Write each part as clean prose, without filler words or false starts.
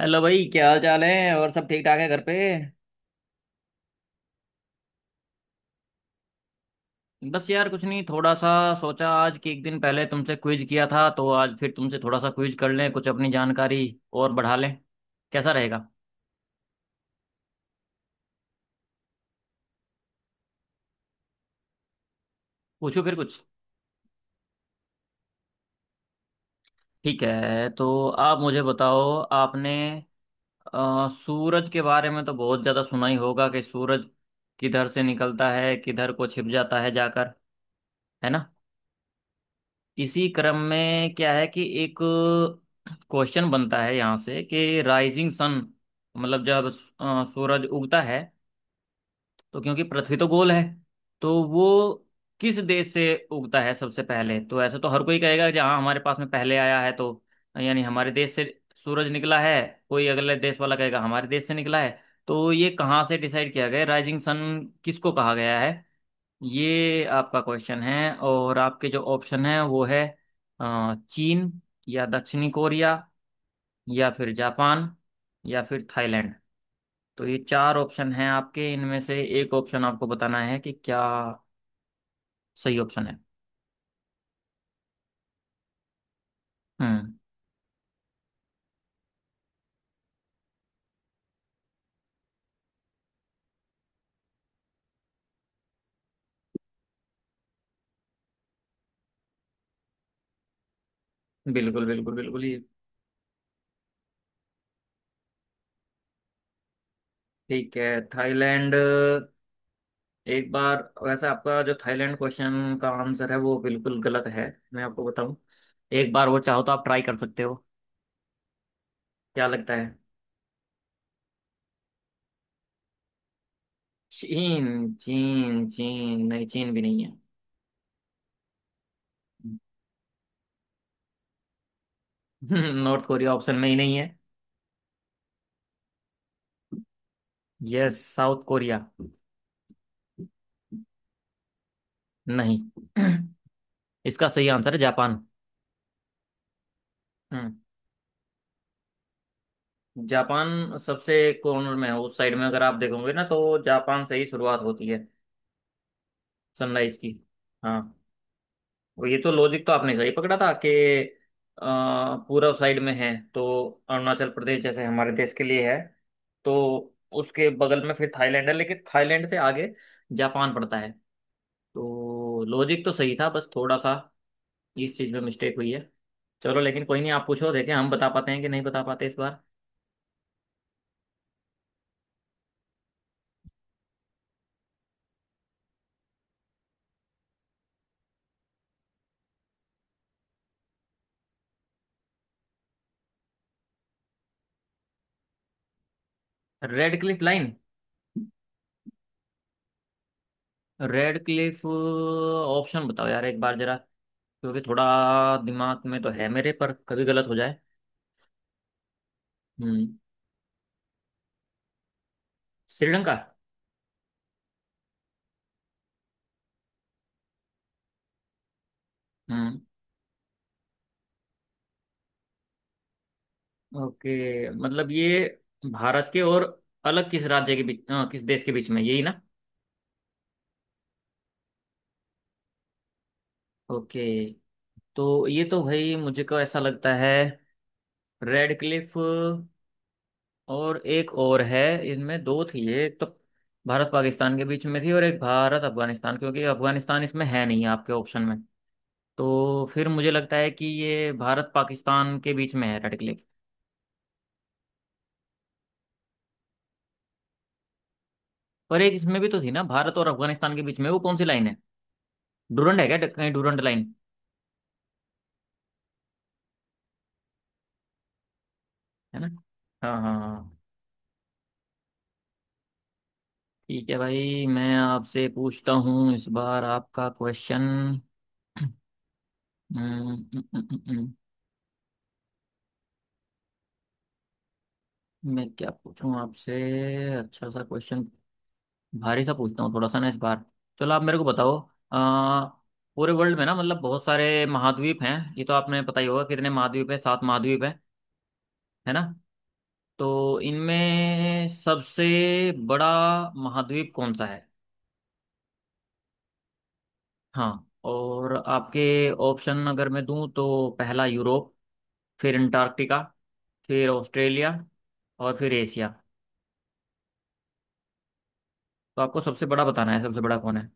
Hello भाई, क्या हाल चाल है? और सब ठीक ठाक है घर पे? बस यार कुछ नहीं, थोड़ा सा सोचा आज कि एक दिन पहले तुमसे क्विज किया था तो आज फिर तुमसे थोड़ा सा क्विज कर लें, कुछ अपनी जानकारी और बढ़ा लें। कैसा रहेगा? पूछो फिर कुछ। ठीक है, तो आप मुझे बताओ, आपने सूरज के बारे में तो बहुत ज़्यादा सुना ही होगा कि सूरज किधर से निकलता है, किधर को छिप जाता है जाकर, है ना? इसी क्रम में क्या है कि एक क्वेश्चन बनता है यहाँ से कि राइजिंग सन, मतलब जब सूरज उगता है, तो क्योंकि पृथ्वी तो गोल है, तो वो किस देश से उगता है सबसे पहले? तो ऐसा तो हर कोई कहेगा जहाँ हमारे पास में पहले आया है, तो यानी हमारे देश से सूरज निकला है। कोई अगले देश वाला कहेगा हमारे देश से निकला है। तो ये कहाँ से डिसाइड किया गया, राइजिंग सन किसको कहा गया है? ये आपका क्वेश्चन है। और आपके जो ऑप्शन है वो है चीन, या दक्षिणी कोरिया, या फिर जापान, या फिर थाईलैंड। तो ये चार ऑप्शन हैं आपके, इनमें से एक ऑप्शन आपको बताना है कि क्या सही ऑप्शन है। हम्म। बिल्कुल बिल्कुल बिल्कुल, ये ठीक है। थाईलैंड? एक बार, वैसे आपका जो थाईलैंड क्वेश्चन का आंसर है वो बिल्कुल गलत है। मैं आपको बताऊं, एक बार वो चाहो तो आप ट्राई कर सकते हो। क्या लगता है? चीन? चीन, चीन नहीं, चीन भी नहीं है। नॉर्थ कोरिया ऑप्शन में ही नहीं है। Yes, South Korea? नहीं। इसका सही आंसर है जापान। हम्म। जापान सबसे कॉर्नर में है उस साइड में, अगर आप देखोगे ना तो जापान से ही शुरुआत होती है सनराइज की। हाँ, और ये तो लॉजिक तो आपने सही पकड़ा था कि पूर्व साइड में है, तो अरुणाचल प्रदेश जैसे हमारे देश के लिए है। तो उसके बगल में फिर थाईलैंड है, लेकिन थाईलैंड से आगे जापान पड़ता है। तो लॉजिक तो सही था, बस थोड़ा सा इस चीज़ में मिस्टेक हुई है। चलो लेकिन कोई नहीं, आप पूछो, देखें हम बता पाते हैं कि नहीं बता पाते इस बार। Radcliffe line, Radcliffe, option बताओ यार एक बार जरा, क्योंकि थोड़ा दिमाग में तो है मेरे, पर कभी गलत हो जाए। हम्म। श्रीलंका? हम्म। ओके, मतलब ये भारत के और अलग किस राज्य के बीच, किस देश के बीच में, यही ना? ओके। तो ये तो भाई मुझे को ऐसा लगता है, रेड क्लिफ, और एक और है, इनमें दो थी, एक तो भारत पाकिस्तान के बीच में थी और एक भारत अफगानिस्तान, क्योंकि अफगानिस्तान इसमें है नहीं आपके ऑप्शन में, तो फिर मुझे लगता है कि ये भारत पाकिस्तान के बीच में है, रेड क्लिफ। पर एक इसमें भी तो थी ना, भारत और अफगानिस्तान के बीच में, वो कौन सी लाइन है? डूरंड है क्या? कहीं डूरंड लाइन, है ना? हाँ हाँ हाँ। ठीक है भाई, मैं आपसे पूछता हूँ इस बार आपका क्वेश्चन। मैं क्या पूछूं आपसे? अच्छा सा क्वेश्चन, भारी सा पूछता हूँ थोड़ा सा ना इस बार। चलो आप मेरे को बताओ, आ, पूरे वर्ल्ड में ना, मतलब बहुत सारे महाद्वीप हैं, ये तो आपने पता ही होगा, कितने महाद्वीप हैं? सात महाद्वीप हैं, है ना? तो इनमें सबसे बड़ा महाद्वीप कौन सा है? हाँ। और आपके ऑप्शन अगर मैं दूं तो पहला यूरोप, फिर अंटार्कटिका, फिर ऑस्ट्रेलिया, और फिर एशिया। तो आपको सबसे बड़ा बताना है, सबसे बड़ा कौन है?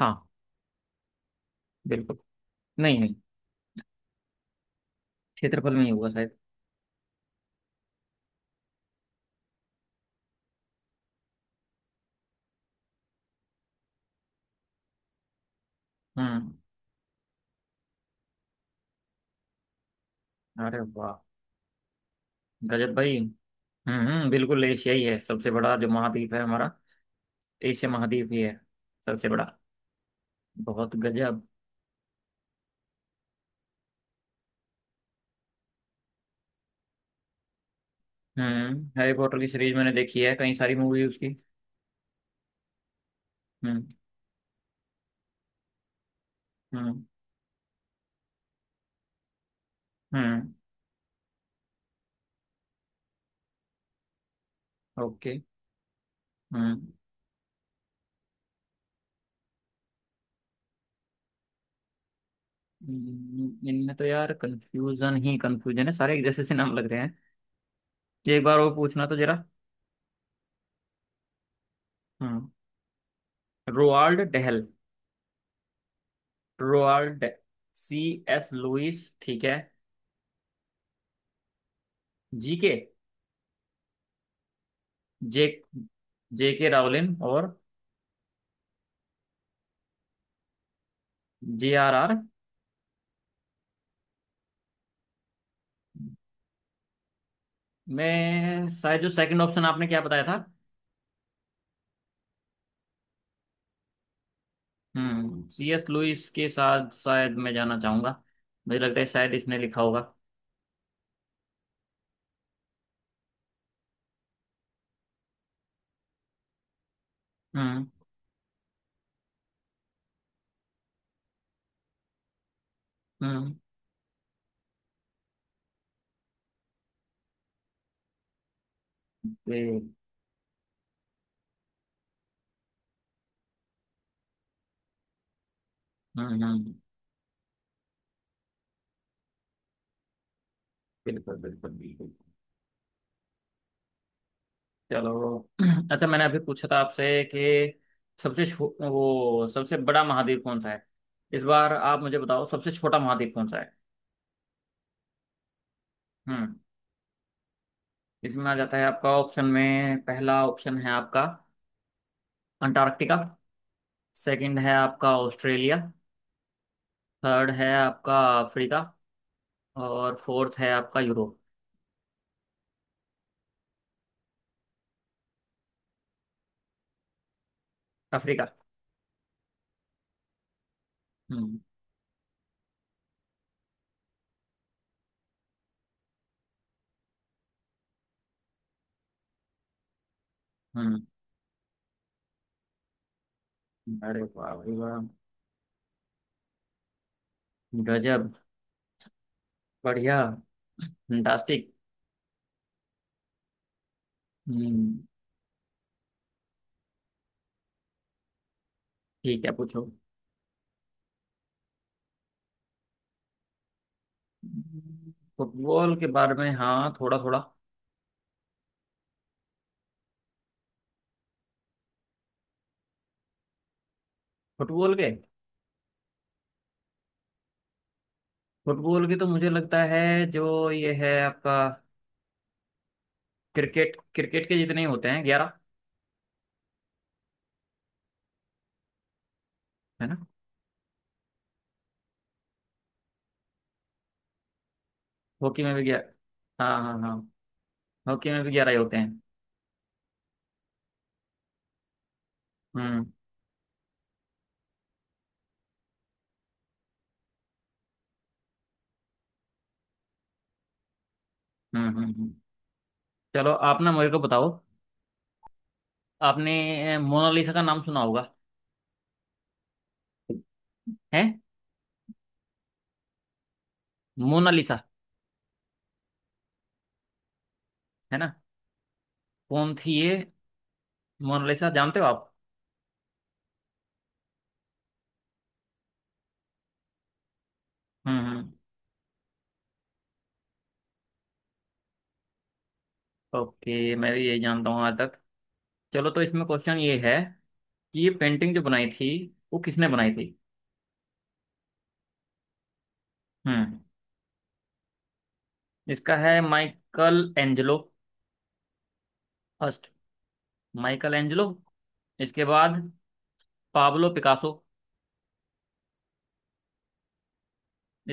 हाँ। बिल्कुल। नहीं नहीं, क्षेत्रफल में ही होगा शायद। हम्म। अरे वाह! गजब भाई! हम्म, बिल्कुल, एशिया ही है सबसे बड़ा जो महाद्वीप है हमारा, एशिया महाद्वीप ही है सबसे बड़ा। बहुत गजब। हम्म, हैरी पॉटर की सीरीज मैंने देखी है, कई सारी मूवी उसकी। हम्म। हम्म। हम्म। ओके। हम्म। इनमें तो यार कंफ्यूजन ही कंफ्यूजन है, सारे एक जैसे से नाम लग रहे हैं। एक बार वो पूछना तो जरा। हम्म। Roald Dahl, Roald, C S Lewis, ठीक है। जी के, जे, जे के रावलिन, और जे आर आर। मैं शायद, जो सेकंड ऑप्शन आपने क्या बताया था। हम्म, सी एस लुइस के साथ शायद मैं जाना चाहूंगा, मुझे लगता है शायद इसने लिखा होगा। हम्म। हम्म। ये- हम्म। बिल्कुल बिल्कुल बिल्कुल। चलो। अच्छा, मैंने अभी पूछा था आपसे कि वो सबसे बड़ा महाद्वीप कौन सा है, इस बार आप मुझे बताओ सबसे छोटा महाद्वीप कौन सा है। हम्म। इसमें आ जाता है आपका ऑप्शन में, पहला ऑप्शन है आपका अंटार्कटिका, सेकंड है आपका ऑस्ट्रेलिया, थर्ड है आपका अफ्रीका, और फोर्थ है आपका यूरोप। अफ्रीका। हम्म। हम्म। अरे वाह भाई वाह! गजब। बढ़िया। फंटास्टिक। हम्म। ठीक है, पूछो। फुटबॉल के बारे में? हाँ, थोड़ा थोड़ा। फुटबॉल के, फुटबॉल के तो मुझे लगता है जो ये है आपका, क्रिकेट, क्रिकेट के जितने ही होते हैं, 11। है ना? हॉकी में भी 11? हाँ हाँ हाँ, हॉकी में भी 11 ही होते हैं। हम्म। हम्म। हम्म। हम्म। चलो आप ना मेरे को बताओ, आपने मोनालिसा का नाम सुना होगा। है। मोनालिसा, है ना? कौन थी ये, मोनालिसा जानते हो आप? हम्म। हम्म। ओके, मैं भी यही जानता हूँ आज तक। चलो, तो इसमें क्वेश्चन ये है कि ये पेंटिंग जो बनाई थी, वो किसने बनाई थी? हम्म। इसका है Michelangelo first, Michelangelo, इसके बाद पाब्लो पिकासो,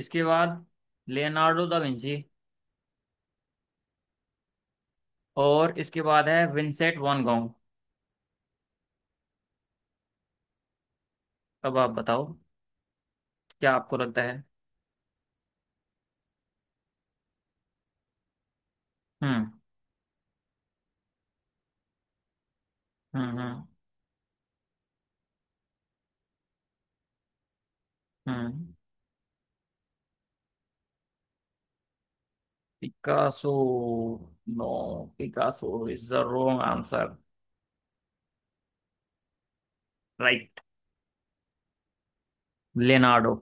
इसके बाद लियोनार्डो दा विंची, और इसके बाद है विंसेंट वैन गॉग। अब आप बताओ, क्या आपको लगता है? हम्म। Mm-hmm. Mm. Picasso? No, Picasso is the wrong answer. Right. Leonardo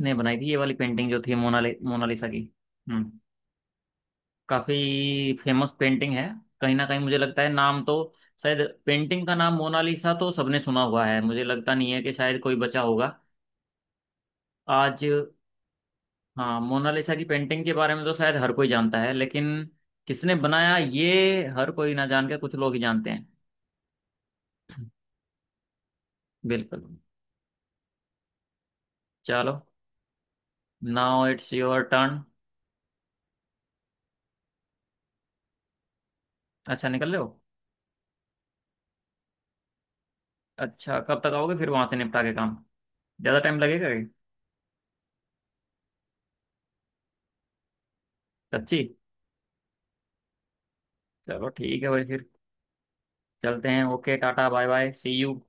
ने बनाई थी ये वाली पेंटिंग जो थी मोनालिसा की। हम्म, काफी फेमस पेंटिंग है, कहीं ना कहीं मुझे लगता है, नाम तो शायद, पेंटिंग का नाम मोनालिसा तो सबने सुना हुआ है, मुझे लगता नहीं है कि शायद कोई बचा होगा आज। हाँ, मोनालिसा की पेंटिंग के बारे में तो शायद हर कोई जानता है, लेकिन किसने बनाया ये हर कोई ना जान के, कुछ लोग ही जानते हैं। बिल्कुल। चलो। Now it's your turn. अच्छा, निकल रहे हो? अच्छा, कब तक आओगे फिर वहां से निपटा के काम? ज्यादा टाइम लगेगा क्या? सच्ची? चलो ठीक है भाई, फिर चलते हैं। Okay, tata, bye bye, see you.